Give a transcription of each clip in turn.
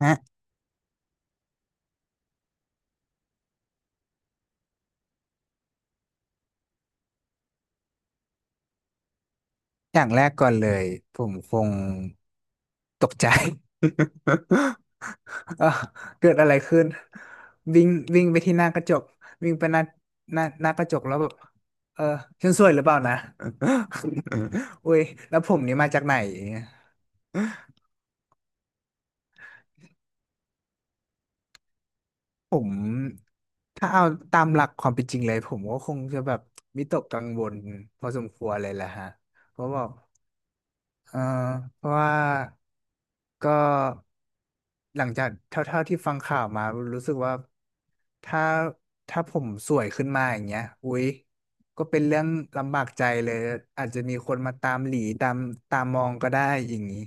ฮะอย่างแรกก่อนเลยผมคงตกใจ เอ้าเกิดอะไรขึ้นวิ่งวิ่งไปที่หน้ากระจกวิ่งไปหน้าหน้าหน้ากระจกแล้วแบบเออฉันสวยหรือเปล่านะ อุ้ยแล้วผมนี่มาจากไหนผมถ้าเอาตามหลักความเป็นจริงเลยผมก็คงจะแบบวิตกกังวลพอสมควรเลยแหละฮะเพราะว่าเออเพราะว่า ก็หลังจากเท่าๆที่ฟังข่าวมารู้สึกว่าถ้าถ้าผมสวยขึ้นมาอย่างเงี้ยอุ๊ยก็เป็นเรื่องลำบากใจเลยอาจจะมีคนมาตามหลีตามมองก็ได้อย่างนี้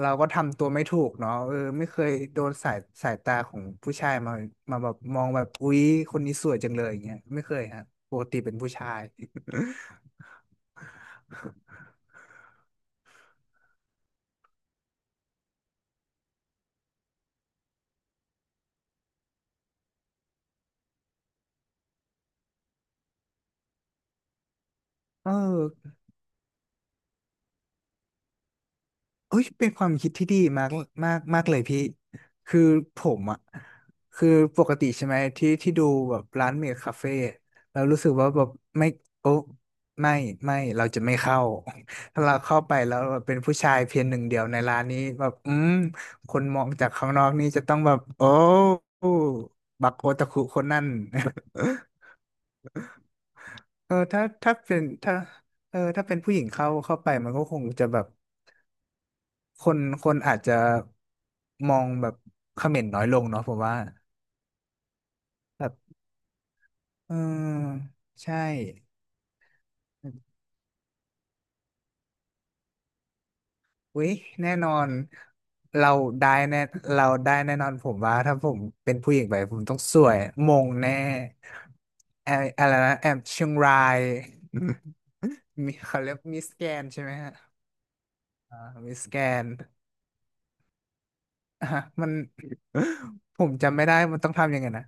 เราก็ทำตัวไม่ถูกเนาะเออไม่เคยโดนสายสายตาของผู้ชายมาแบบมองแบบอุ๊ยคนนี้สวยจังเลยอย่างเงี้ยไม่เคยฮะปกติเป็นผู้ชาย เออ เอ้ยเป็นความคิดที่ดีมากมากมากเลยพี่คือผมอ่ะคือปกติใช่ไหมที่ที่ดูแบบร้านเมคคาเฟ่เรารู้สึกว่าแบบไม่โอ้ไม่ไม่เราจะไม่เข้า ถ้าเราเข้าไปแล้วแบบเป็นผู้ชายเพียงหนึ่งเดียวในร้านนี้แบบอืมคนมองจากข้างนอกนี่จะต้องแบบโอ้บักโอตะคุคนนั่น เออถ้าถ้าเป็นถ้าเออถ้าเป็นผู้หญิงเข้าไปมันก็คงจะแบบ คนคนอาจจะมองแบบเขม่นน้อยลงเนาะผมว่าแบบเออใช่อุ๊ยแน่นอนเราได้แน่เราได้แน่นอนผมว่าถ้าผมเป็นผู้หญิงไปผมต้องสวยมงแน่แออะไรนะแอมเชียงรายอืมมีเขาเรียกมิสแกนใช่ไหมฮะอ่ามิสแกนอ่ะมัน ผมจำไม่ได้มันต้องทำยังไงนะ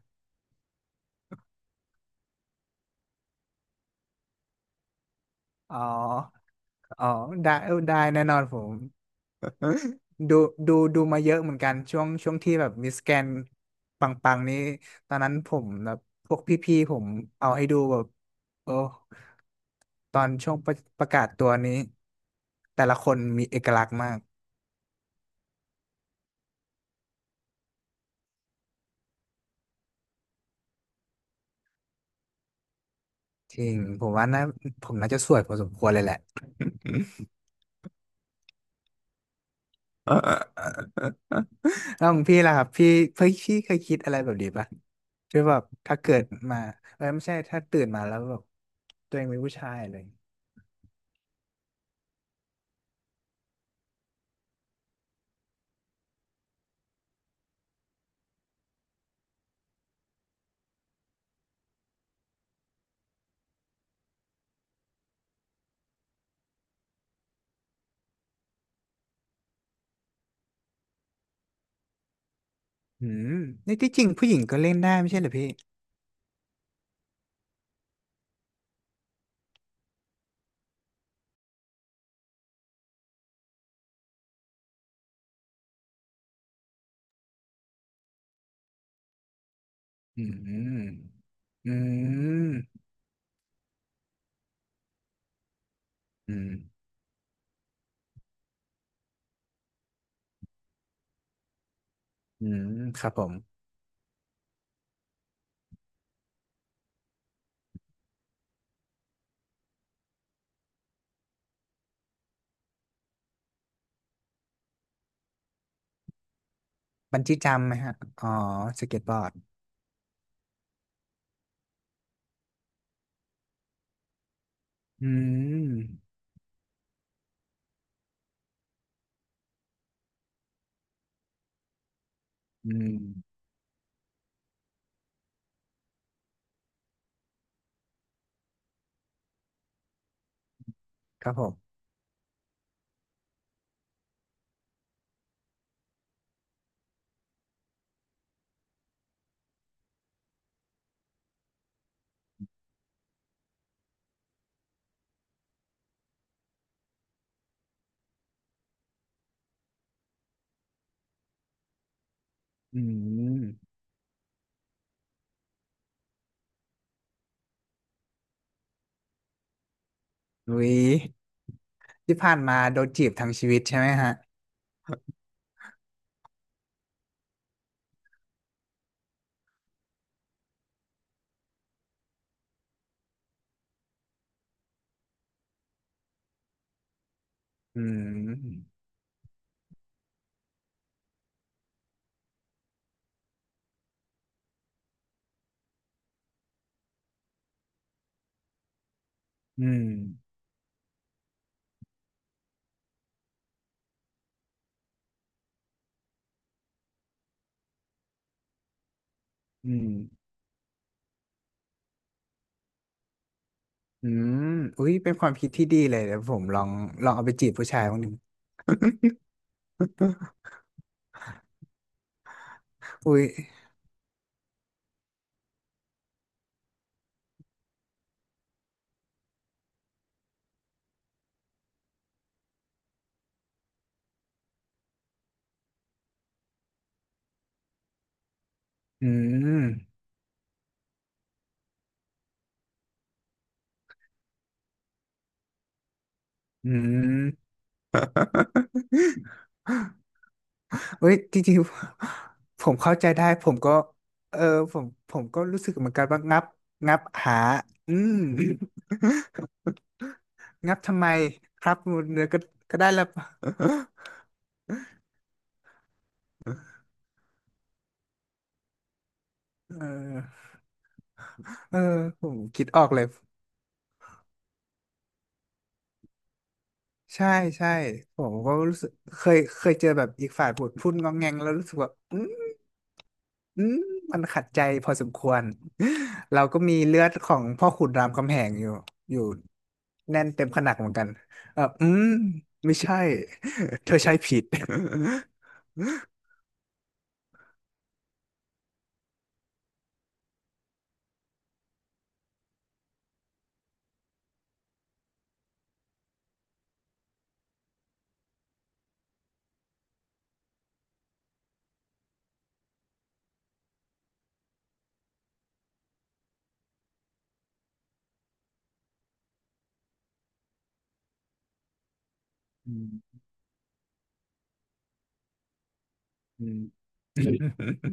อ๋ออ๋อได้เออได้แน่นอนผม ดูดูมาเยอะเหมือนกันช่วงที่แบบมิสแกนปังๆนี้ตอนนั้นผมแบบพวกพี่ๆผมเอาให้ดูแบบโอ้ตอนช่วงประกาศตัวนี้แต่ละคนมีเอกลักษณ์มากจริงผมว่านะผมน่าจะสวยพอสมควรเลยแหละ แล้วของพี่ล่ะครับพี่พี่เคยคิดอะไรแบบนี้ปะคือแบบถ้าเกิดมาเออไม่ใช่ถ้าตื่นมาแล้วแบบตัวเองเป็นผู้ชายเลย อืมนี่ที่จริงผู้หญิงก็เล่นได้ไม่ใช่เหรอพี่อืมอืมอืมอืมครับผมบันจี้จัมป์ไหมฮะอ๋อสเก็ตบอร์ดอืมอืมครับผมอืมอุ๊ยที่ผ่านมาโดนจีบทั้งชีวิตใช่ไหมฮะอืมอืมอืมอืมอุ๊ยเป็นความคิดที่ดีเลยเดี๋ยวผมลองเอาไปจีบผู้ชายบ้นง ดิอุ๊ยอืมอืม เฮ้ยจริงๆ ผมเข้าใจได้ผมก็เออผมก็รู้สึกเหมือนกันว่างับงับหาอืม งับทำไมครับมันเนื้อก็ก็ได้แล้ว เออเออผมคิดออกเลยใช่ใช่ผมก็รู้สึกเคยเจอแบบอีกฝ่ายพูดงองแงงแล้วรู้สึกว่าอืม อืมมันขัดใจพอสมควร เราก็มีเลือดของพ่อขุนรามคำแหงอยู่อยู่แน่นเต็มขนักเหมือนกันเอออืมไม่ใช่ เธอใช้ผิด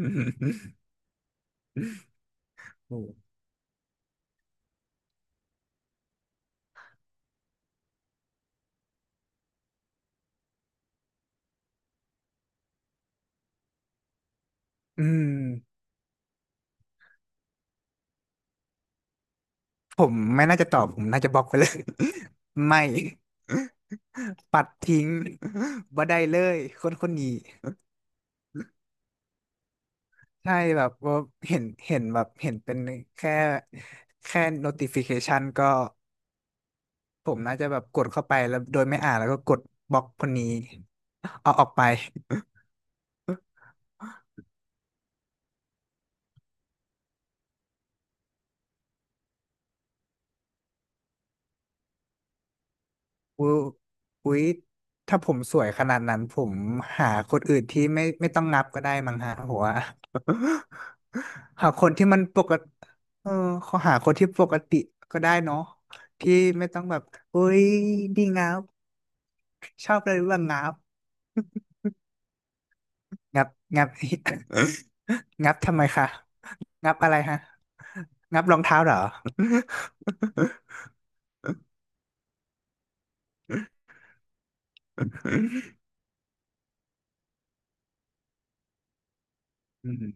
อืมผมไม่น่าจะตอบผมน่าจะบล็อกไปเลย ไม่ ปัดทิ้งบ่ได้เลยคนคนนี้ใช่แบบว่าเห็นเป็นแค่แค่ notification ก็ ผมน่าจะแบบกดเข้าไปแล้วโดยไม่อ่านแล้วก็กดบล็อกคนนี้เอาออกไปอุ๊ยอุ๊ยถ้าผมสวยขนาดนั้นผมหาคนอื่นที่ไม่ต้องงับก็ได้มั้งฮะผมว่า หาคนที่มันปกติเออขอหาคนที่ปกติก็ได้เนาะที่ไม่ต้องแบบอุ๊ยดีงับชอบเลยว่างับงับงับ งับทำไมคะงับอะไรฮะงับรองเท้าเหรอ อืม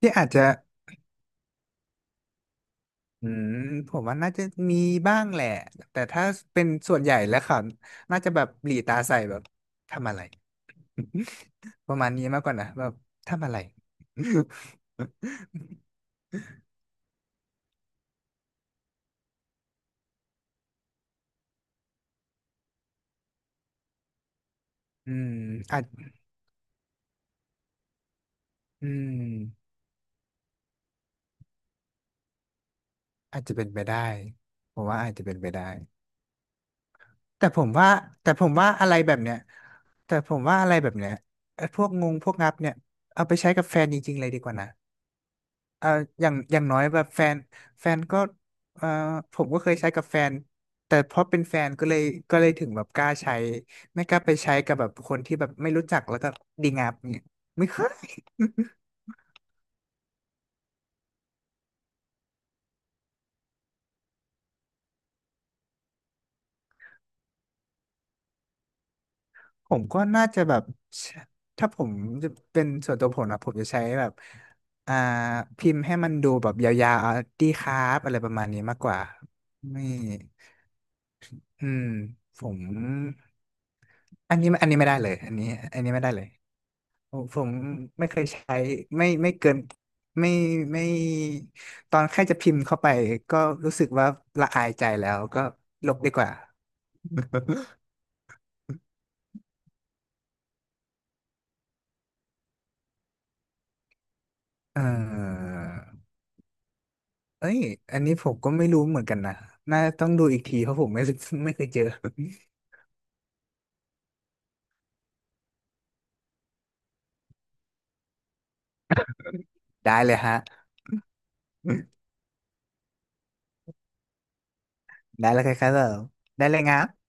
ที่อาจจะอืมผมว่าน่าจะมีบ้างแหละแต่ถ้าเป็นส่วนใหญ่แล้วเขาน่าจะแบบหลีตาใส่แบบทำอะไร ประมาณนี้มากกว่านะแบบทำอะไร อืมอาจอืมอาจจะเป็นไปได้ผมว่าอาจจะเป็นไปได้แต่ผมว่าแต่ผมว่าอะไรแบบเนี้ยแต่ผมว่าอะไรแบบเนี้ยไอ้พวกงับเนี่ยเอาไปใช้กับแฟนจริงๆเลยดีกว่านะ เอ่ออย่างอย่างน้อยแบบแฟนแฟนก็เอ่อผมก็เคยใช้กับแฟน แต่เพราะเป็นแฟนก็เลยก็เลยถึงแบบกล้าใช้ ไม่กล้าไปใช้กับแบบคนที่แบบไม่รู้จักแล้วก็ดีงามเนี่ยไม่เคย ผมก็น่าจะแบบ ถ้าผมจะเป็นส่วนตัวผมนะผมจะใช้แบบอ่าพิมพ์ให้มันดูแบบยาวๆอ่ะดีครับอะไรประมาณนี้มากกว่าไม่อืมผมอันนี้อันนี้ไม่ได้เลยอันนี้อันนี้ไม่ได้เลย ผมไม่เคยใช้ไม่เกินไม่ไม่ตอนแค่จะพิมพ์เข้าไปก็รู้สึกว่าละอายใจแล้วก็ลบดีกว่า เออเอ้ยอันนี้ผมก็ไม่รู้เหมือนกันนะน่าต้องดูอีกทีเพราะผมไม่เคยเจอ ได้เลยฮะได้แล้วครับผมได้เลยครับ